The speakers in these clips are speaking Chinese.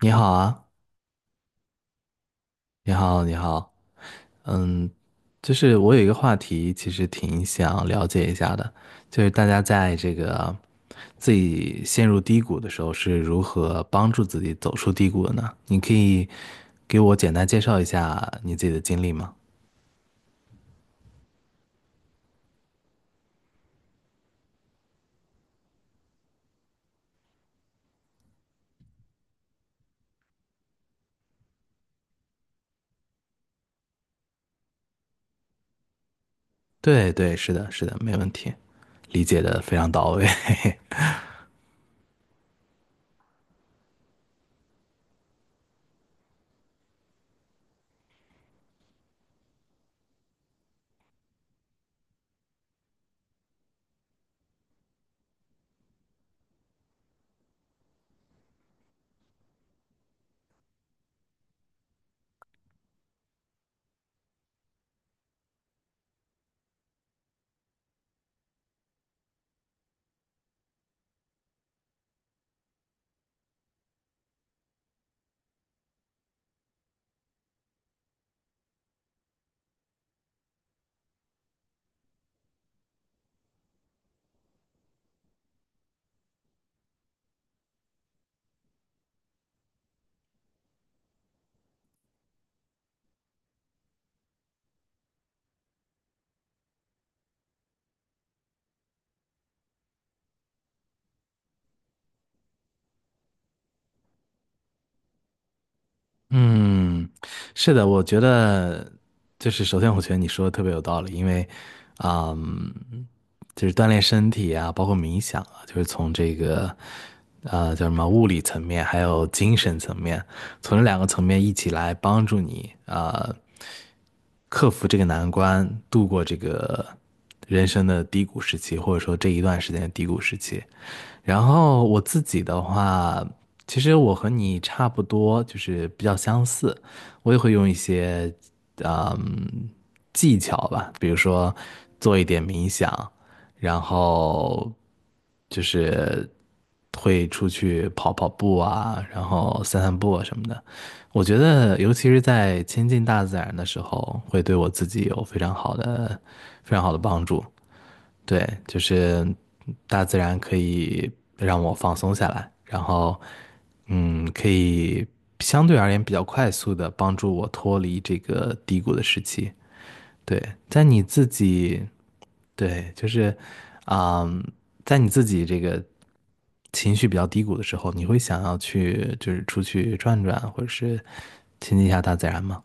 你好啊，你好，你好，嗯，就是我有一个话题，其实挺想了解一下的，就是大家在这个自己陷入低谷的时候是如何帮助自己走出低谷的呢？你可以给我简单介绍一下你自己的经历吗？对对，是的，是的，没问题，理解的非常到位。嗯，是的，我觉得就是首先，我觉得你说的特别有道理，因为，嗯，就是锻炼身体啊，包括冥想啊，就是从这个，叫什么物理层面，还有精神层面，从这两个层面一起来帮助你，克服这个难关，度过这个人生的低谷时期，或者说这一段时间的低谷时期。然后我自己的话。其实我和你差不多，就是比较相似。我也会用一些嗯技巧吧，比如说做一点冥想，然后就是会出去跑跑步啊，然后散散步啊什么的。我觉得，尤其是在亲近大自然的时候，会对我自己有非常好的、非常好的帮助。对，就是大自然可以让我放松下来，然后，可以相对而言比较快速的帮助我脱离这个低谷的时期。对，在你自己，对，就是，嗯，在你自己这个情绪比较低谷的时候，你会想要去就是出去转转，或者是亲近一下大自然吗？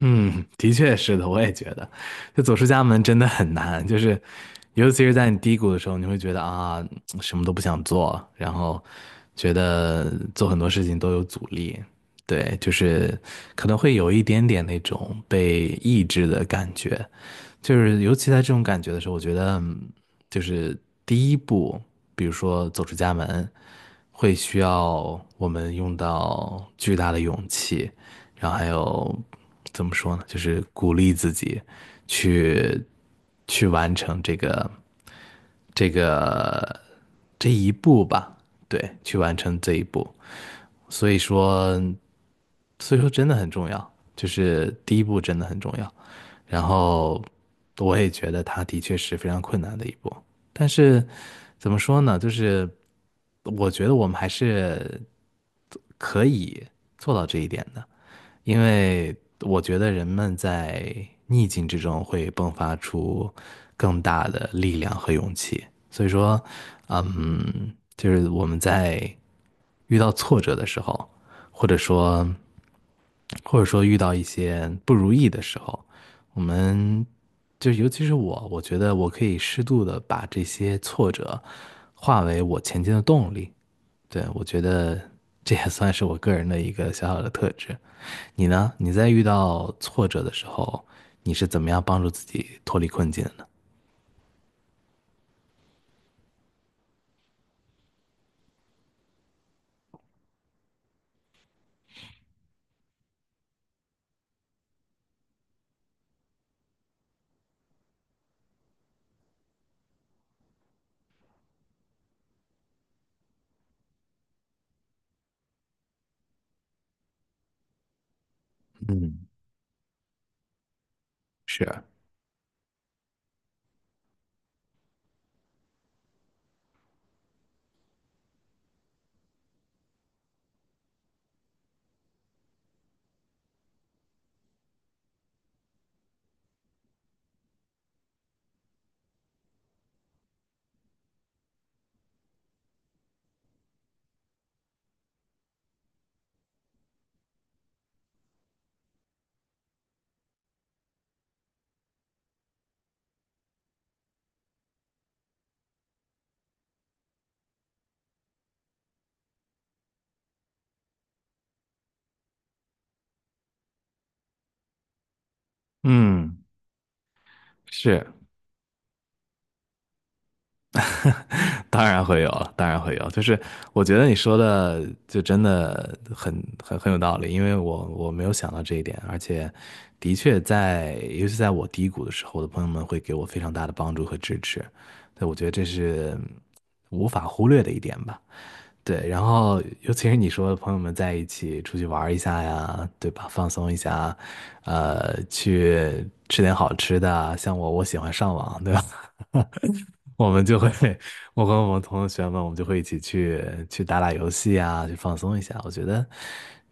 嗯，的确是的，我也觉得，就走出家门真的很难，就是尤其是在你低谷的时候，你会觉得啊，什么都不想做，然后觉得做很多事情都有阻力，对，就是可能会有一点点那种被抑制的感觉，就是尤其在这种感觉的时候，我觉得就是第一步，比如说走出家门，会需要我们用到巨大的勇气。然后还有怎么说呢，就是鼓励自己去去完成这个这个这一步吧，对，去完成这一步。所以说，所以说真的很重要，就是第一步真的很重要。然后我也觉得它的确是非常困难的一步，但是怎么说呢，就是我觉得我们还是可以做到这一点的。因为我觉得人们在逆境之中会迸发出更大的力量和勇气。所以说，就是我们在遇到挫折的时候，或者说，或者说遇到一些不如意的时候，我们就尤其是我，我觉得我可以适度的把这些挫折化为我前进的动力。对，我觉得这也算是我个人的一个小小的特质。你呢？你在遇到挫折的时候，你是怎么样帮助自己脱离困境的呢？嗯，是，嗯，是，当然会有了，当然会有。就是我觉得你说的就真的很很有道理，因为我没有想到这一点，而且的确在，尤其在我低谷的时候，我的朋友们会给我非常大的帮助和支持。对，我觉得这是无法忽略的一点吧。对，然后尤其是你说朋友们在一起出去玩一下呀，对吧？放松一下，去吃点好吃的啊像我，我喜欢上网，对吧？我们就会，我和我们同学们，我们就会一起去去打打游戏啊，去放松一下。我觉得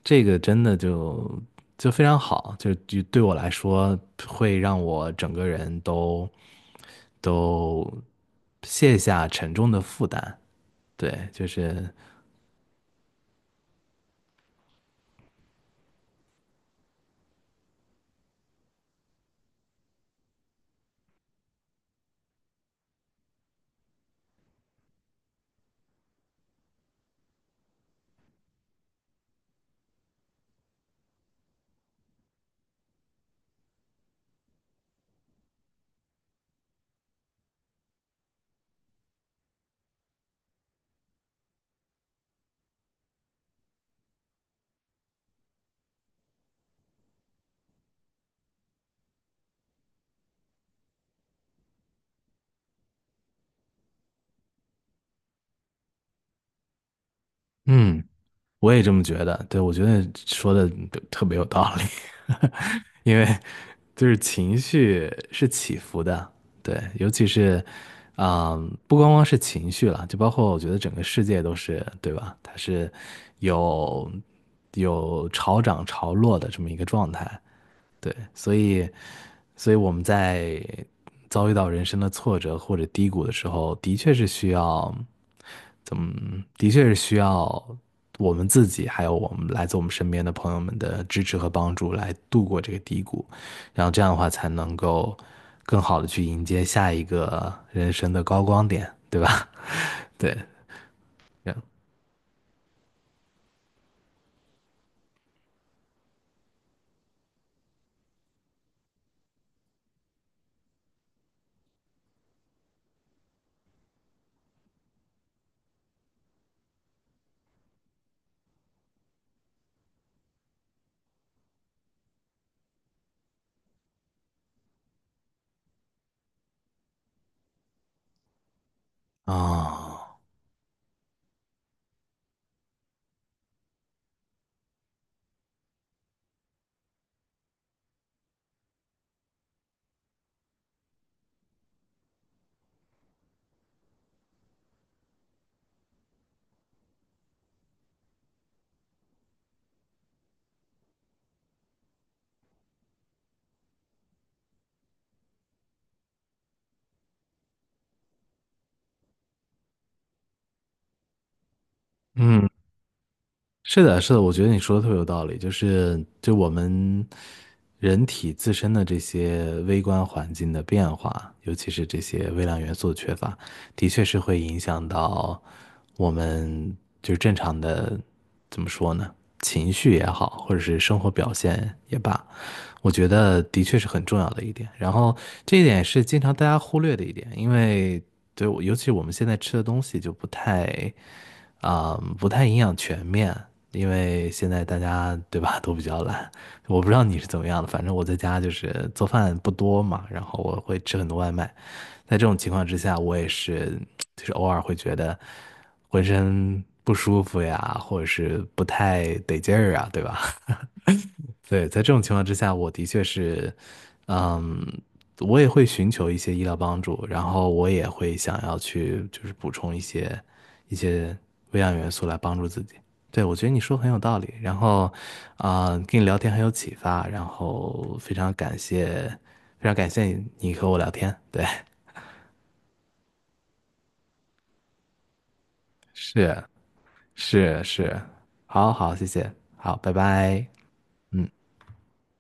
这个真的就非常好，就对我来说，会让我整个人都都卸下沉重的负担。对，就是嗯，我也这么觉得。对，我觉得说的特别有道理，因为就是情绪是起伏的，对，尤其是，不光光是情绪了，就包括我觉得整个世界都是，对吧？它是有潮涨潮落的这么一个状态，对，所以，所以我们在遭遇到人生的挫折或者低谷的时候，的确是需要，怎么，的确是需要我们自己，还有我们来自我们身边的朋友们的支持和帮助，来度过这个低谷，然后这样的话才能够更好的去迎接下一个人生的高光点，对吧？对，这样啊，嗯。是的，是的，我觉得你说的特别有道理，就是我们人体自身的这些微观环境的变化，尤其是这些微量元素的缺乏，的确是会影响到我们就是正常的，怎么说呢，情绪也好，或者是生活表现也罢，我觉得的确是很重要的一点。然后这一点是经常大家忽略的一点，因为对，尤其我们现在吃的东西就不太。啊、不太营养全面，因为现在大家对吧都比较懒。我不知道你是怎么样的，反正我在家就是做饭不多嘛，然后我会吃很多外卖。在这种情况之下，我也是就是偶尔会觉得浑身不舒服呀，或者是不太得劲儿啊，对吧？对，在这种情况之下，我的确是，嗯，我也会寻求一些医疗帮助，然后我也会想要去就是补充一些一些微量元素来帮助自己。对，我觉得你说得很有道理，然后啊，跟你聊天很有启发，然后非常感谢，非常感谢你和我聊天。对，是是是，好好，谢谢，好，拜拜，嗯。